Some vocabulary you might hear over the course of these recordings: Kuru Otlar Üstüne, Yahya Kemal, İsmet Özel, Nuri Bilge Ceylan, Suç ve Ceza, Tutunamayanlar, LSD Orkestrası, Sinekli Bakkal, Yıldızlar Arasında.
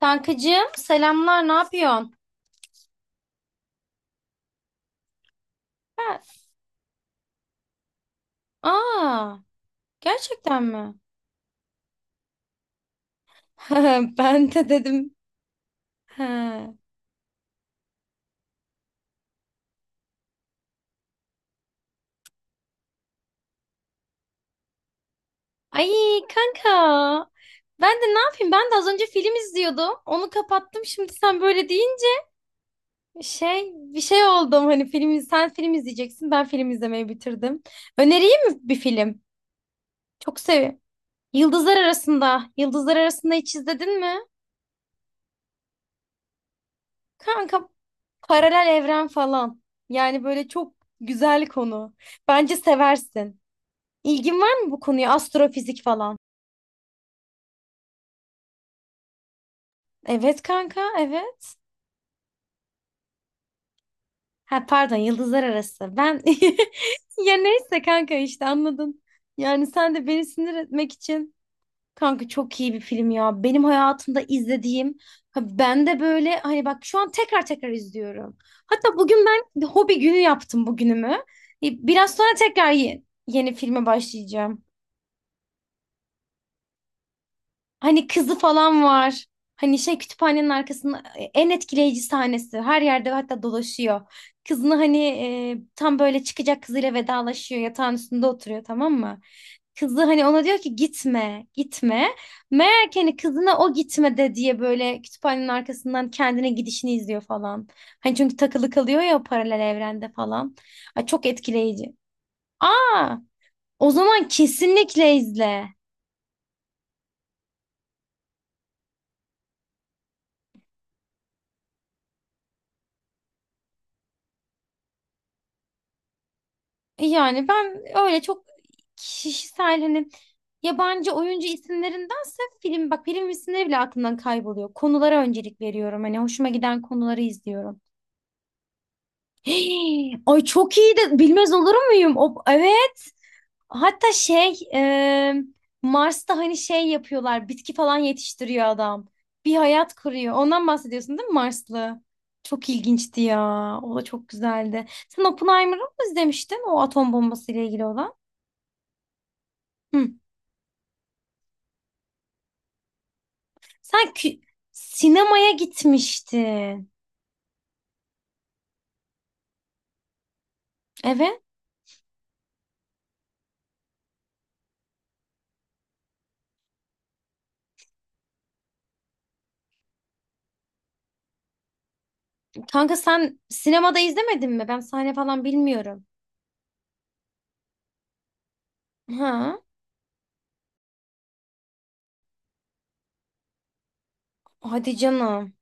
Kankacığım, selamlar, ne yapıyorsun? Ha. Aa, gerçekten mi? Ben de dedim. Ha. Ay kanka, ben de ne yapayım, ben de az önce film izliyordum, onu kapattım. Şimdi sen böyle deyince bir şey oldum. Hani sen film izleyeceksin, ben film izlemeyi bitirdim. Önereyim mi bir film? Çok seviyorum. Yıldızlar Arasında. Yıldızlar Arasında hiç izledin mi? Kanka, paralel evren falan. Yani böyle çok güzel konu. Bence seversin. İlgin var mı bu konuya? Astrofizik falan. Evet kanka, evet. Ha pardon, yıldızlar arası. Ben ya neyse kanka, işte anladın. Yani sen de beni sinir etmek için. Kanka, çok iyi bir film ya. Benim hayatımda izlediğim, ha ben de böyle, hani bak, şu an tekrar tekrar izliyorum. Hatta bugün ben bir hobi günü yaptım bugünümü. Biraz sonra tekrar yeni filme başlayacağım. Hani kızı falan var. Hani kütüphanenin arkasında en etkileyici sahnesi. Her yerde hatta dolaşıyor. Kızını hani tam böyle çıkacak, kızıyla vedalaşıyor. Yatağın üstünde oturuyor, tamam mı? Kızı hani ona diyor ki gitme, gitme. Meğer ki hani kızına o gitme de diye böyle kütüphanenin arkasından kendine gidişini izliyor falan. Hani çünkü takılı kalıyor ya o paralel evrende falan. Ay, çok etkileyici. Aa, o zaman kesinlikle izle. Yani ben öyle çok kişisel, hani yabancı oyuncu isimlerindense film, bak film isimleri bile aklımdan kayboluyor. Konulara öncelik veriyorum. Hani hoşuma giden konuları izliyorum. Hey, ay çok iyi, de bilmez olur muyum? O, evet. Hatta Mars'ta hani yapıyorlar. Bitki falan yetiştiriyor adam. Bir hayat kuruyor. Ondan bahsediyorsun değil mi, Marslı? Çok ilginçti ya. O da çok güzeldi. Sen Oppenheimer'ı mı izlemiştin? O atom bombası ile ilgili olan. Hı. Sen sinemaya gitmiştin. Evet. Kanka sen sinemada izlemedin mi? Ben sahne falan bilmiyorum. Ha? Hadi canım.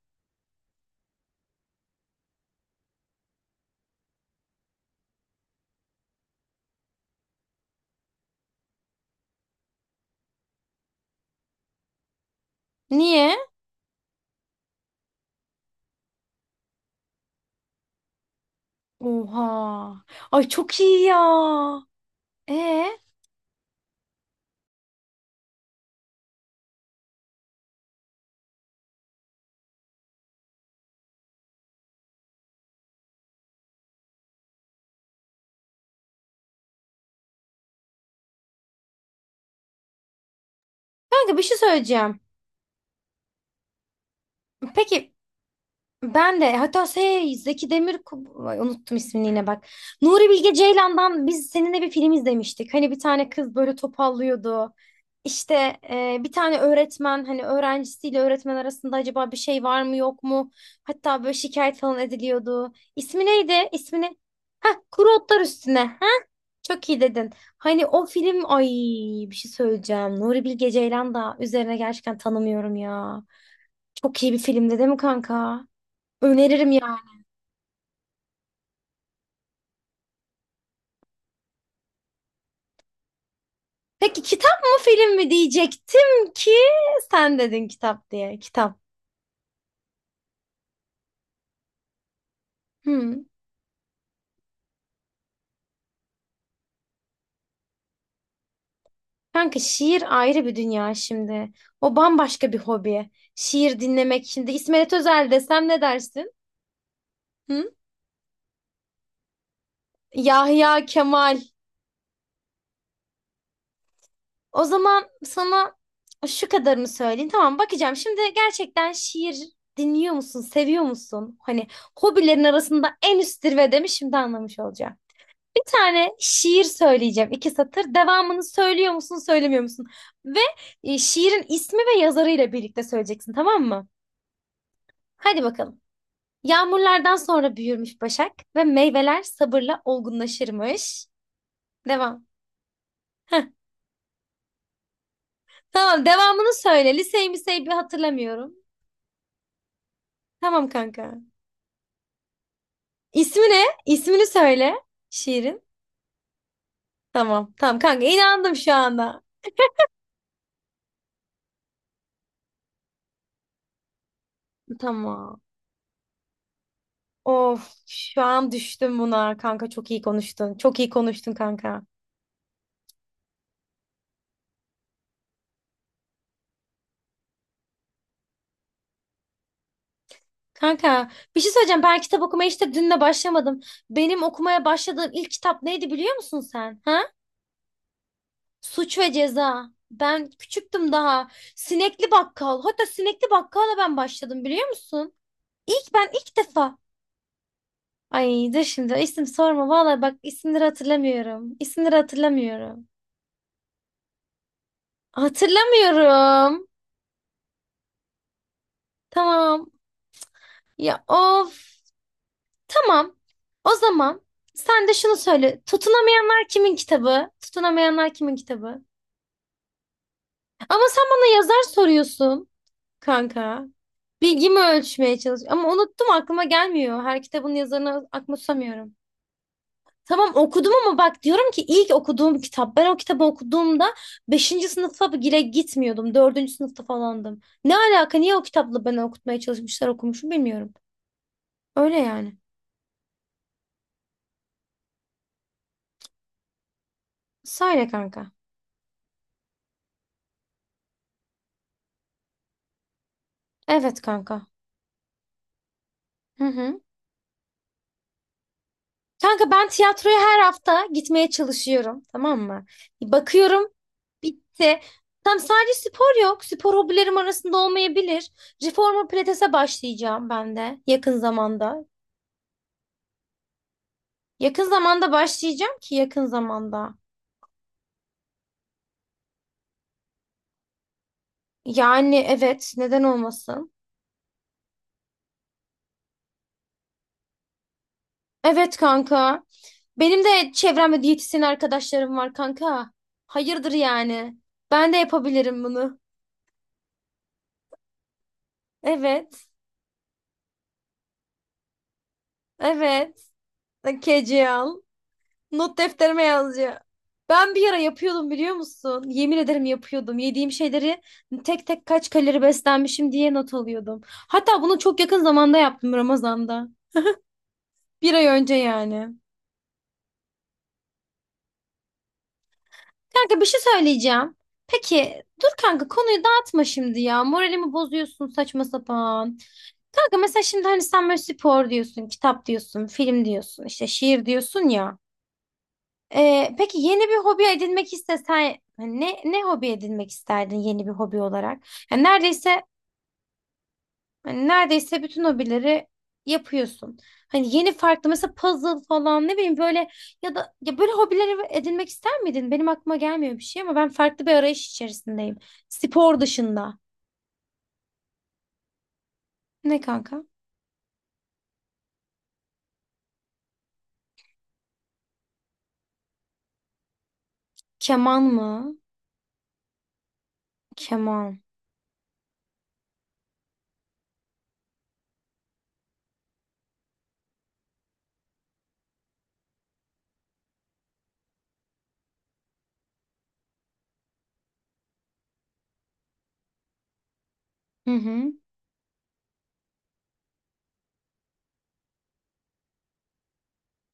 Niye? Oha. Ay çok iyi ya. Ee, Kanka, bir şey söyleyeceğim. Peki. Ben de hatta Zeki Demir. Ay, unuttum ismini yine, bak. Nuri Bilge Ceylan'dan biz seninle bir film izlemiştik. Hani bir tane kız böyle topallıyordu. İşte bir tane öğretmen, hani öğrencisiyle öğretmen arasında acaba bir şey var mı yok mu? Hatta böyle şikayet falan ediliyordu. İsmi neydi? İsmini. Heh, Kuru Otlar Üstüne. Ha? Çok iyi dedin. Hani o film, ay bir şey söyleyeceğim. Nuri Bilge Ceylan da üzerine gerçekten tanımıyorum ya. Çok iyi bir filmdi değil mi kanka? Öneririm ya. Peki kitap mı film mi diyecektim ki sen dedin kitap diye. Kitap. Hmm. Kanka, şiir ayrı bir dünya şimdi. O bambaşka bir hobi. Şiir dinlemek şimdi. İsmet Özel desem ne dersin? Hı? Yahya Kemal. O zaman sana şu kadarını söyleyeyim. Tamam, bakacağım. Şimdi gerçekten şiir dinliyor musun? Seviyor musun? Hani hobilerin arasında en üst zirvede mi? Şimdi anlamış olacağım. Bir tane şiir söyleyeceğim. İki satır. Devamını söylüyor musun, söylemiyor musun? Ve şiirin ismi ve yazarıyla birlikte söyleyeceksin, tamam mı? Hadi bakalım. Yağmurlardan sonra büyürmüş başak ve meyveler sabırla olgunlaşırmış. Devam. Heh, tamam, devamını söyle. Liseyi miseyi bir hatırlamıyorum. Tamam kanka. İsmi ne? İsmini söyle, şiirin. Tamam, tamam kanka, inandım şu anda. Tamam. Of, şu an düştüm buna, kanka çok iyi konuştun. Çok iyi konuştun kanka. Kanka, bir şey söyleyeceğim, ben kitap okumaya işte dünle başlamadım. Benim okumaya başladığım ilk kitap neydi biliyor musun sen? Ha? Suç ve Ceza. Ben küçüktüm daha. Sinekli Bakkal. Hatta Sinekli Bakkal'la ben başladım biliyor musun? İlk, ben ilk defa. Ay dur, şimdi isim sorma. Vallahi bak, isimleri hatırlamıyorum. İsimleri hatırlamıyorum. Hatırlamıyorum. Tamam. Ya of. Tamam. O zaman sen de şunu söyle. Tutunamayanlar kimin kitabı? Tutunamayanlar kimin kitabı? Ama sen bana yazar soruyorsun kanka. Bilgimi ölçmeye çalış. Ama unuttum, aklıma gelmiyor. Her kitabın yazarını aklıma tutamıyorum. Tamam, okudum ama bak diyorum ki ilk okuduğum kitap. Ben o kitabı okuduğumda beşinci sınıfa bile gitmiyordum. Dördüncü sınıfta falandım. Ne alaka? Niye o kitapla beni okutmaya çalışmışlar, okumuşum bilmiyorum. Öyle yani. Söyle kanka. Evet kanka. Hı hı. Kanka, ben tiyatroya her hafta gitmeye çalışıyorum, tamam mı? Bir bakıyorum bitti. Tam sadece spor yok. Spor hobilerim arasında olmayabilir. Reformer pilatese başlayacağım ben de yakın zamanda. Yakın zamanda başlayacağım ki yakın zamanda. Yani evet, neden olmasın? Evet kanka. Benim de çevremde diyetisyen arkadaşlarım var kanka. Hayırdır yani? Ben de yapabilirim bunu. Evet. Evet. Keci al. Not defterime yazıyor. Ben bir ara yapıyordum biliyor musun? Yemin ederim, yapıyordum. Yediğim şeyleri tek tek kaç kalori beslenmişim diye not alıyordum. Hatta bunu çok yakın zamanda yaptım, Ramazan'da. Bir ay önce yani. Kanka, bir şey söyleyeceğim. Peki dur kanka, konuyu dağıtma şimdi ya. Moralimi bozuyorsun saçma sapan. Kanka, mesela şimdi hani sen böyle spor diyorsun, kitap diyorsun, film diyorsun, işte şiir diyorsun ya. Peki yeni bir hobi edinmek istesen hani ne hobi edinmek isterdin yeni bir hobi olarak? Yani neredeyse, hani neredeyse bütün hobileri yapıyorsun. Hani yeni farklı mesela puzzle falan, ne bileyim, böyle ya da ya böyle hobileri edinmek ister miydin? Benim aklıma gelmiyor bir şey ama ben farklı bir arayış içerisindeyim. Spor dışında. Ne kanka? Keman mı? Keman. Hı hı.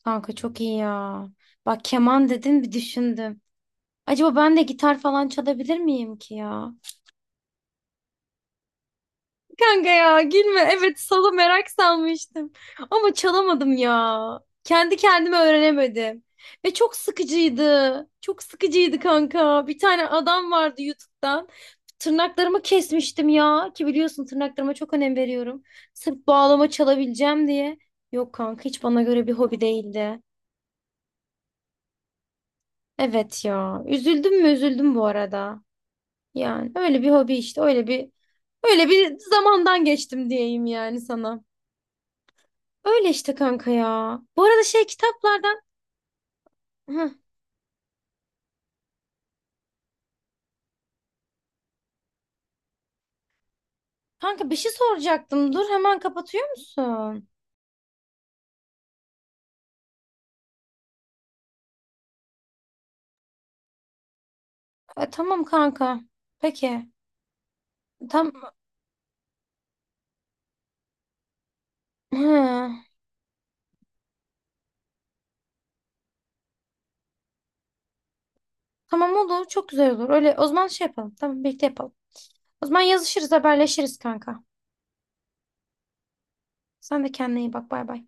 Kanka çok iyi ya. Bak keman dedin, bir düşündüm. Acaba ben de gitar falan çalabilir miyim ki ya? Kanka, ya gülme. Evet, solo merak salmıştım. Ama çalamadım ya. Kendi kendime öğrenemedim. Ve çok sıkıcıydı. Çok sıkıcıydı kanka. Bir tane adam vardı YouTube'dan. Tırnaklarımı kesmiştim ya. Ki biliyorsun, tırnaklarıma çok önem veriyorum. Sırf bağlama çalabileceğim diye. Yok kanka, hiç bana göre bir hobi değildi. Evet ya. Üzüldüm mü üzüldüm bu arada. Yani öyle bir hobi, işte öyle bir zamandan geçtim diyeyim yani sana. Öyle işte kanka ya. Bu arada kitaplardan... Hı. Kanka, bir şey soracaktım. Dur, hemen kapatıyor musun? Tamam kanka. Peki. Tam... Hı. Tamam, olur. Çok güzel olur. Öyle o zaman şey yapalım. Tamam, birlikte yapalım. O zaman yazışırız, haberleşiriz kanka. Sen de kendine iyi bak. Bay bay.